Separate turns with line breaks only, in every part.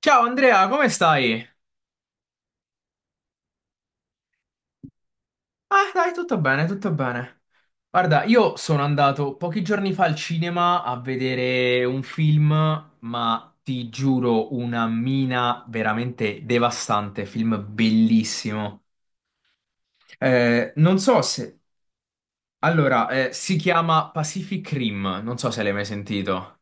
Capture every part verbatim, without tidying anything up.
Ciao Andrea, come stai? Ah, dai, tutto bene, tutto bene. Guarda, io sono andato pochi giorni fa al cinema a vedere un film, ma ti giuro, una mina veramente devastante, film bellissimo. Eh, non so se... Allora, eh, si chiama Pacific Rim, non so se l'hai mai sentito.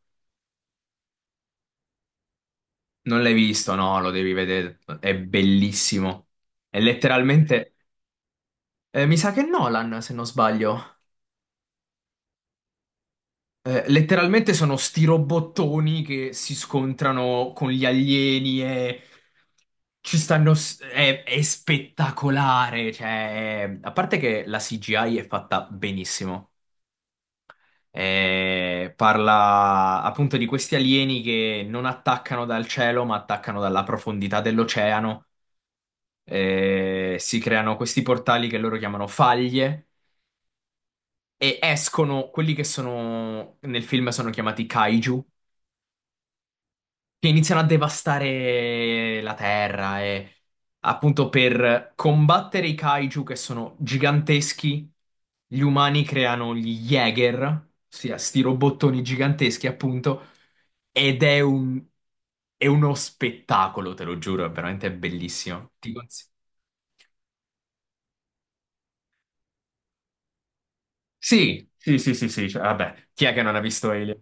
Non l'hai visto? No, lo devi vedere, è bellissimo. È letteralmente... eh, mi sa che è Nolan, se non sbaglio. Eh, letteralmente sono sti robottoni che si scontrano con gli alieni e ci stanno. s- È, è spettacolare. Cioè, a parte che la C G I è fatta benissimo. Eh, parla appunto di questi alieni che non attaccano dal cielo, ma attaccano dalla profondità dell'oceano. Eh, si creano questi portali che loro chiamano faglie e escono quelli che sono nel film sono chiamati kaiju che iniziano a devastare la terra e appunto per combattere i kaiju che sono giganteschi, gli umani creano gli Jäger, ossia sti robottoni giganteschi appunto, ed è un... è uno spettacolo, te lo giuro, è veramente bellissimo. Ti consiglio. Sì, sì, sì, sì, sì, cioè, vabbè, chi è che non ha visto Alien?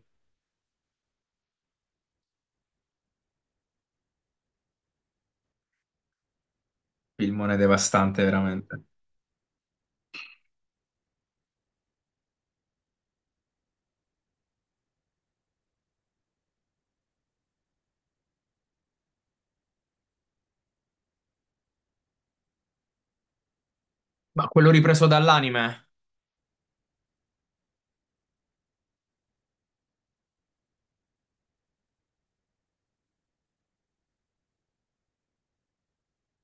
Filmone devastante, veramente. Ma quello ripreso dall'anime?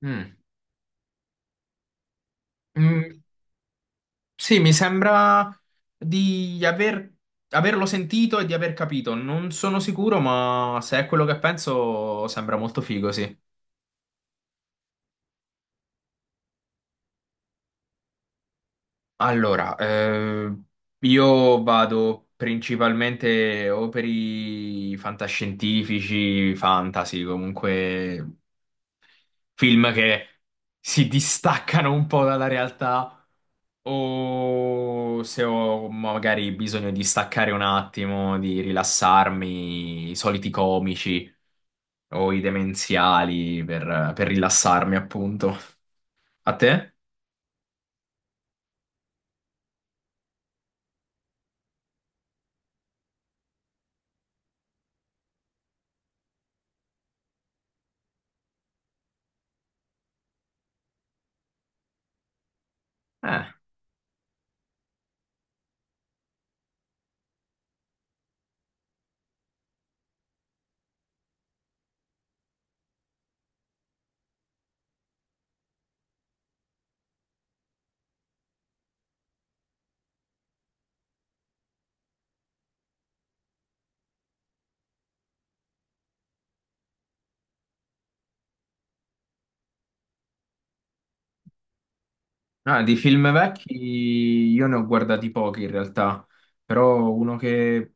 Mm. Mm, Sì, mi sembra di aver- averlo sentito e di aver capito. Non sono sicuro, ma se è quello che penso, sembra molto figo, sì. Allora, eh, io vado principalmente o per i fantascientifici, fantasy, comunque film che si distaccano un po' dalla realtà o se ho magari bisogno di staccare un attimo, di rilassarmi, i soliti comici o i demenziali per, per rilassarmi, appunto. A te? Eh, ah, di film vecchi io ne ho guardati pochi in realtà, però uno che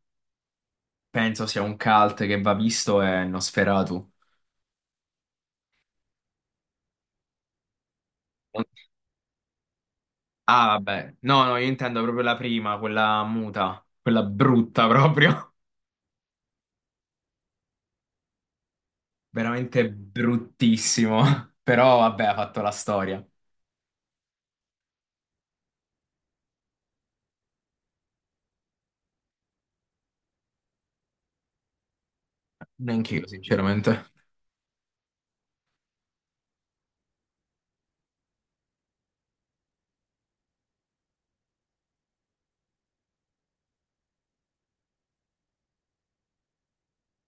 penso sia un cult che va visto è Nosferatu. Ah, vabbè. No, no, io intendo proprio la prima, quella muta, quella brutta proprio. veramente bruttissimo, però vabbè, ha fatto la storia. Neanch'io, sinceramente.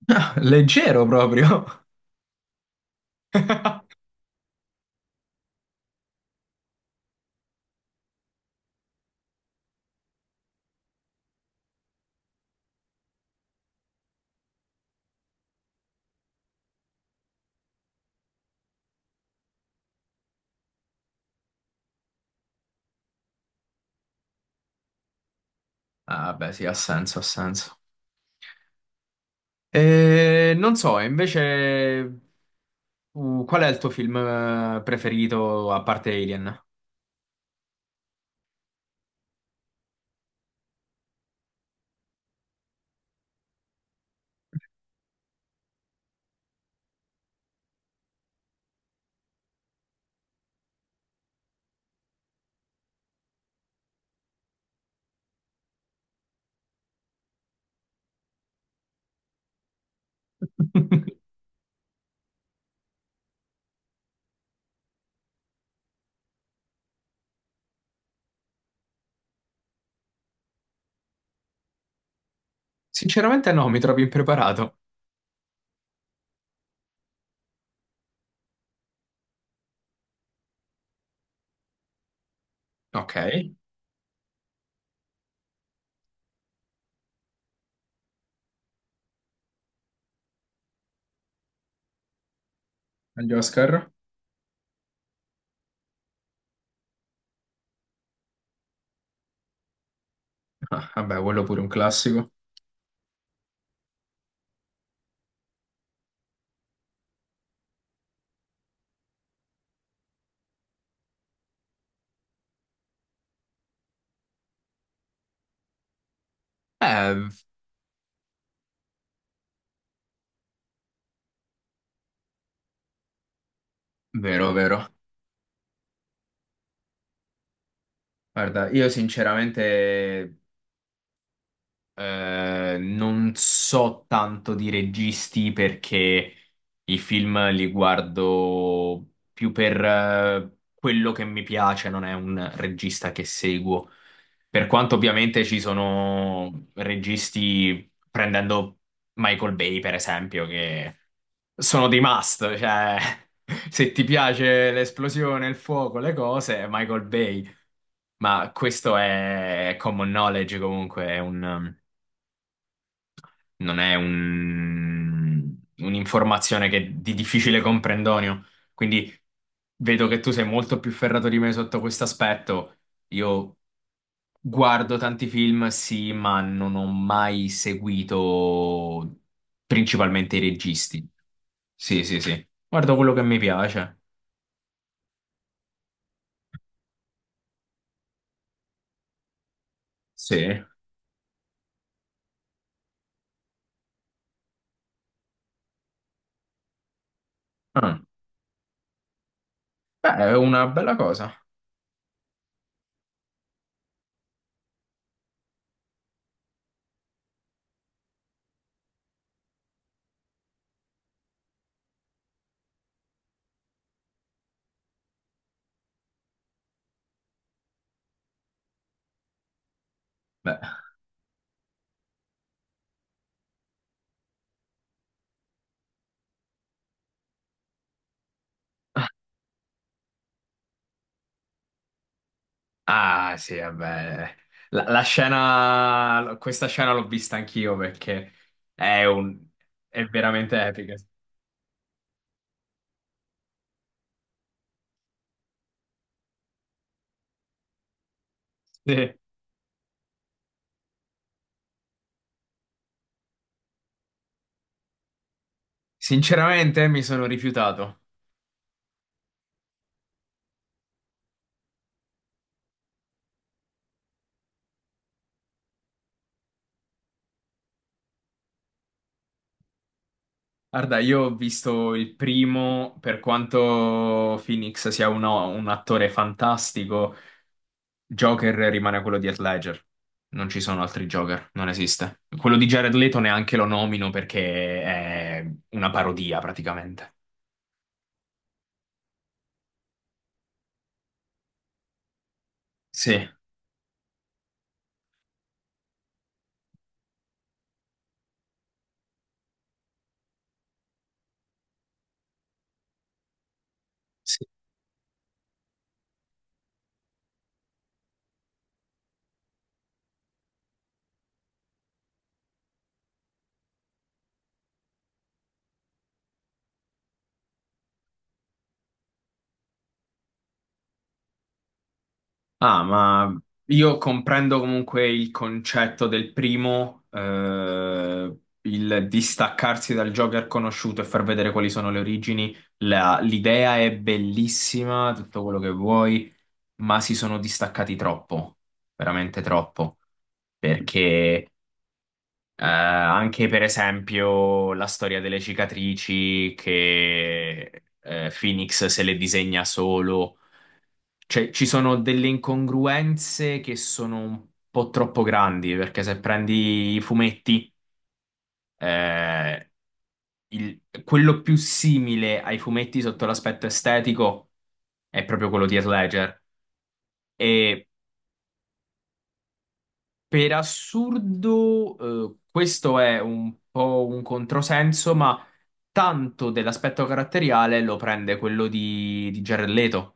Leggero proprio. Ah, vabbè, sì, ha senso, ha senso. E non so, e invece, tu- qual è il tuo film eh, preferito a parte Alien? Sinceramente no, mi trovi impreparato. Ok, agli Oscar. Ah, vabbè, quello pure un classico. Eh, vero, vero. Guarda, io sinceramente. Eh, non so tanto di registi perché i film li guardo più per eh, quello che mi piace, non è un regista che seguo. Per quanto ovviamente ci sono registi, prendendo Michael Bay per esempio, che sono dei must, cioè se ti piace l'esplosione, il fuoco, le cose, Michael Bay. Ma questo è common knowledge comunque, è un, non è un- un'informazione che è di difficile comprendonio. Quindi vedo che tu sei molto più ferrato di me sotto questo aspetto. Io guardo tanti film, sì, ma non ho mai seguito principalmente i registi. Sì, sì, sì. Guardo quello che mi piace. Sì. Ah. Beh, è una bella cosa. Beh. Ah, sì, vabbè. La, la scena, questa scena l'ho vista anch'io perché è un, è veramente epica. Sì. Sinceramente mi sono rifiutato. Guarda, io ho visto il primo, per quanto Phoenix sia uno- un attore fantastico, Joker rimane quello di Heath Ledger. Non ci sono altri Joker, non esiste. Quello di Jared Leto neanche lo nomino perché è una parodia praticamente. Sì. sì. Ah, ma io comprendo comunque il concetto del primo, eh, il distaccarsi dal Joker conosciuto e far vedere quali sono le origini. La- l'idea è bellissima, tutto quello che vuoi, ma si sono distaccati troppo, veramente troppo, perché eh, anche per esempio la storia delle cicatrici che eh, Phoenix se le disegna solo, cioè, ci sono delle incongruenze che sono un po' troppo grandi, perché se prendi i fumetti, eh, il- quello più simile ai fumetti sotto l'aspetto estetico è proprio quello di Heath Ledger. E per assurdo, eh, questo è un po' un controsenso, ma tanto dell'aspetto caratteriale lo prende quello di, di Jared Leto.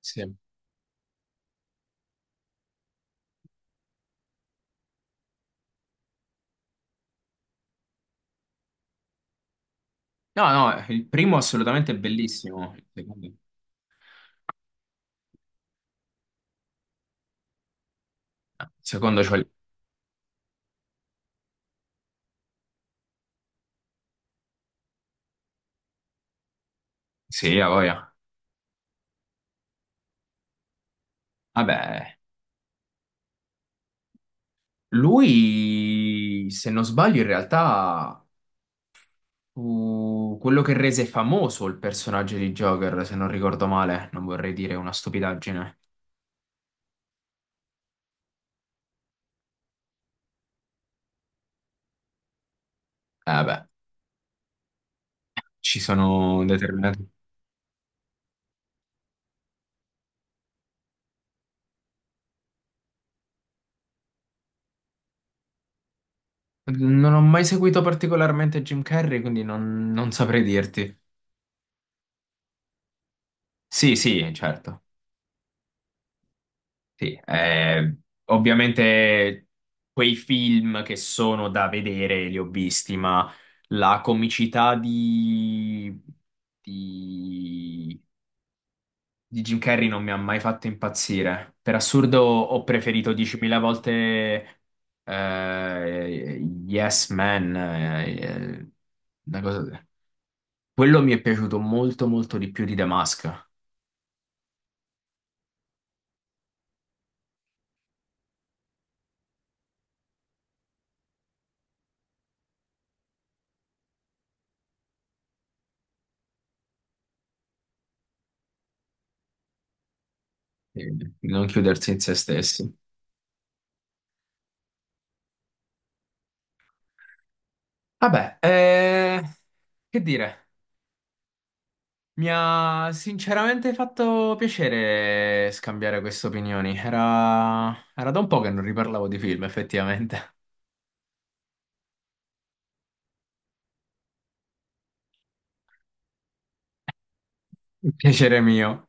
Sì. No, no, il primo assolutamente è bellissimo, il secondo, il secondo cioè. Sì, a voglia. Vabbè, lui, se non sbaglio, in realtà fu quello che rese famoso il personaggio di Joker, se non ricordo male. Non vorrei dire una stupidaggine. Eh beh, ci sono determinati... Non ho mai seguito particolarmente Jim Carrey, quindi non, non saprei dirti. Sì, sì, certo. Sì, eh, ovviamente quei film che sono da vedere li ho visti, ma la comicità di, di, di Jim Carrey non mi ha mai fatto impazzire. Per assurdo ho preferito diecimila volte eh, Yes Man, eh, eh, una cosa- quello mi è piaciuto molto molto di più di The Mask, eh, non chiudersi in se stessi. Vabbè, eh, che dire? Mi ha sinceramente fatto piacere scambiare queste opinioni. Era... era da un po' che non riparlavo di film, effettivamente. Piacere mio.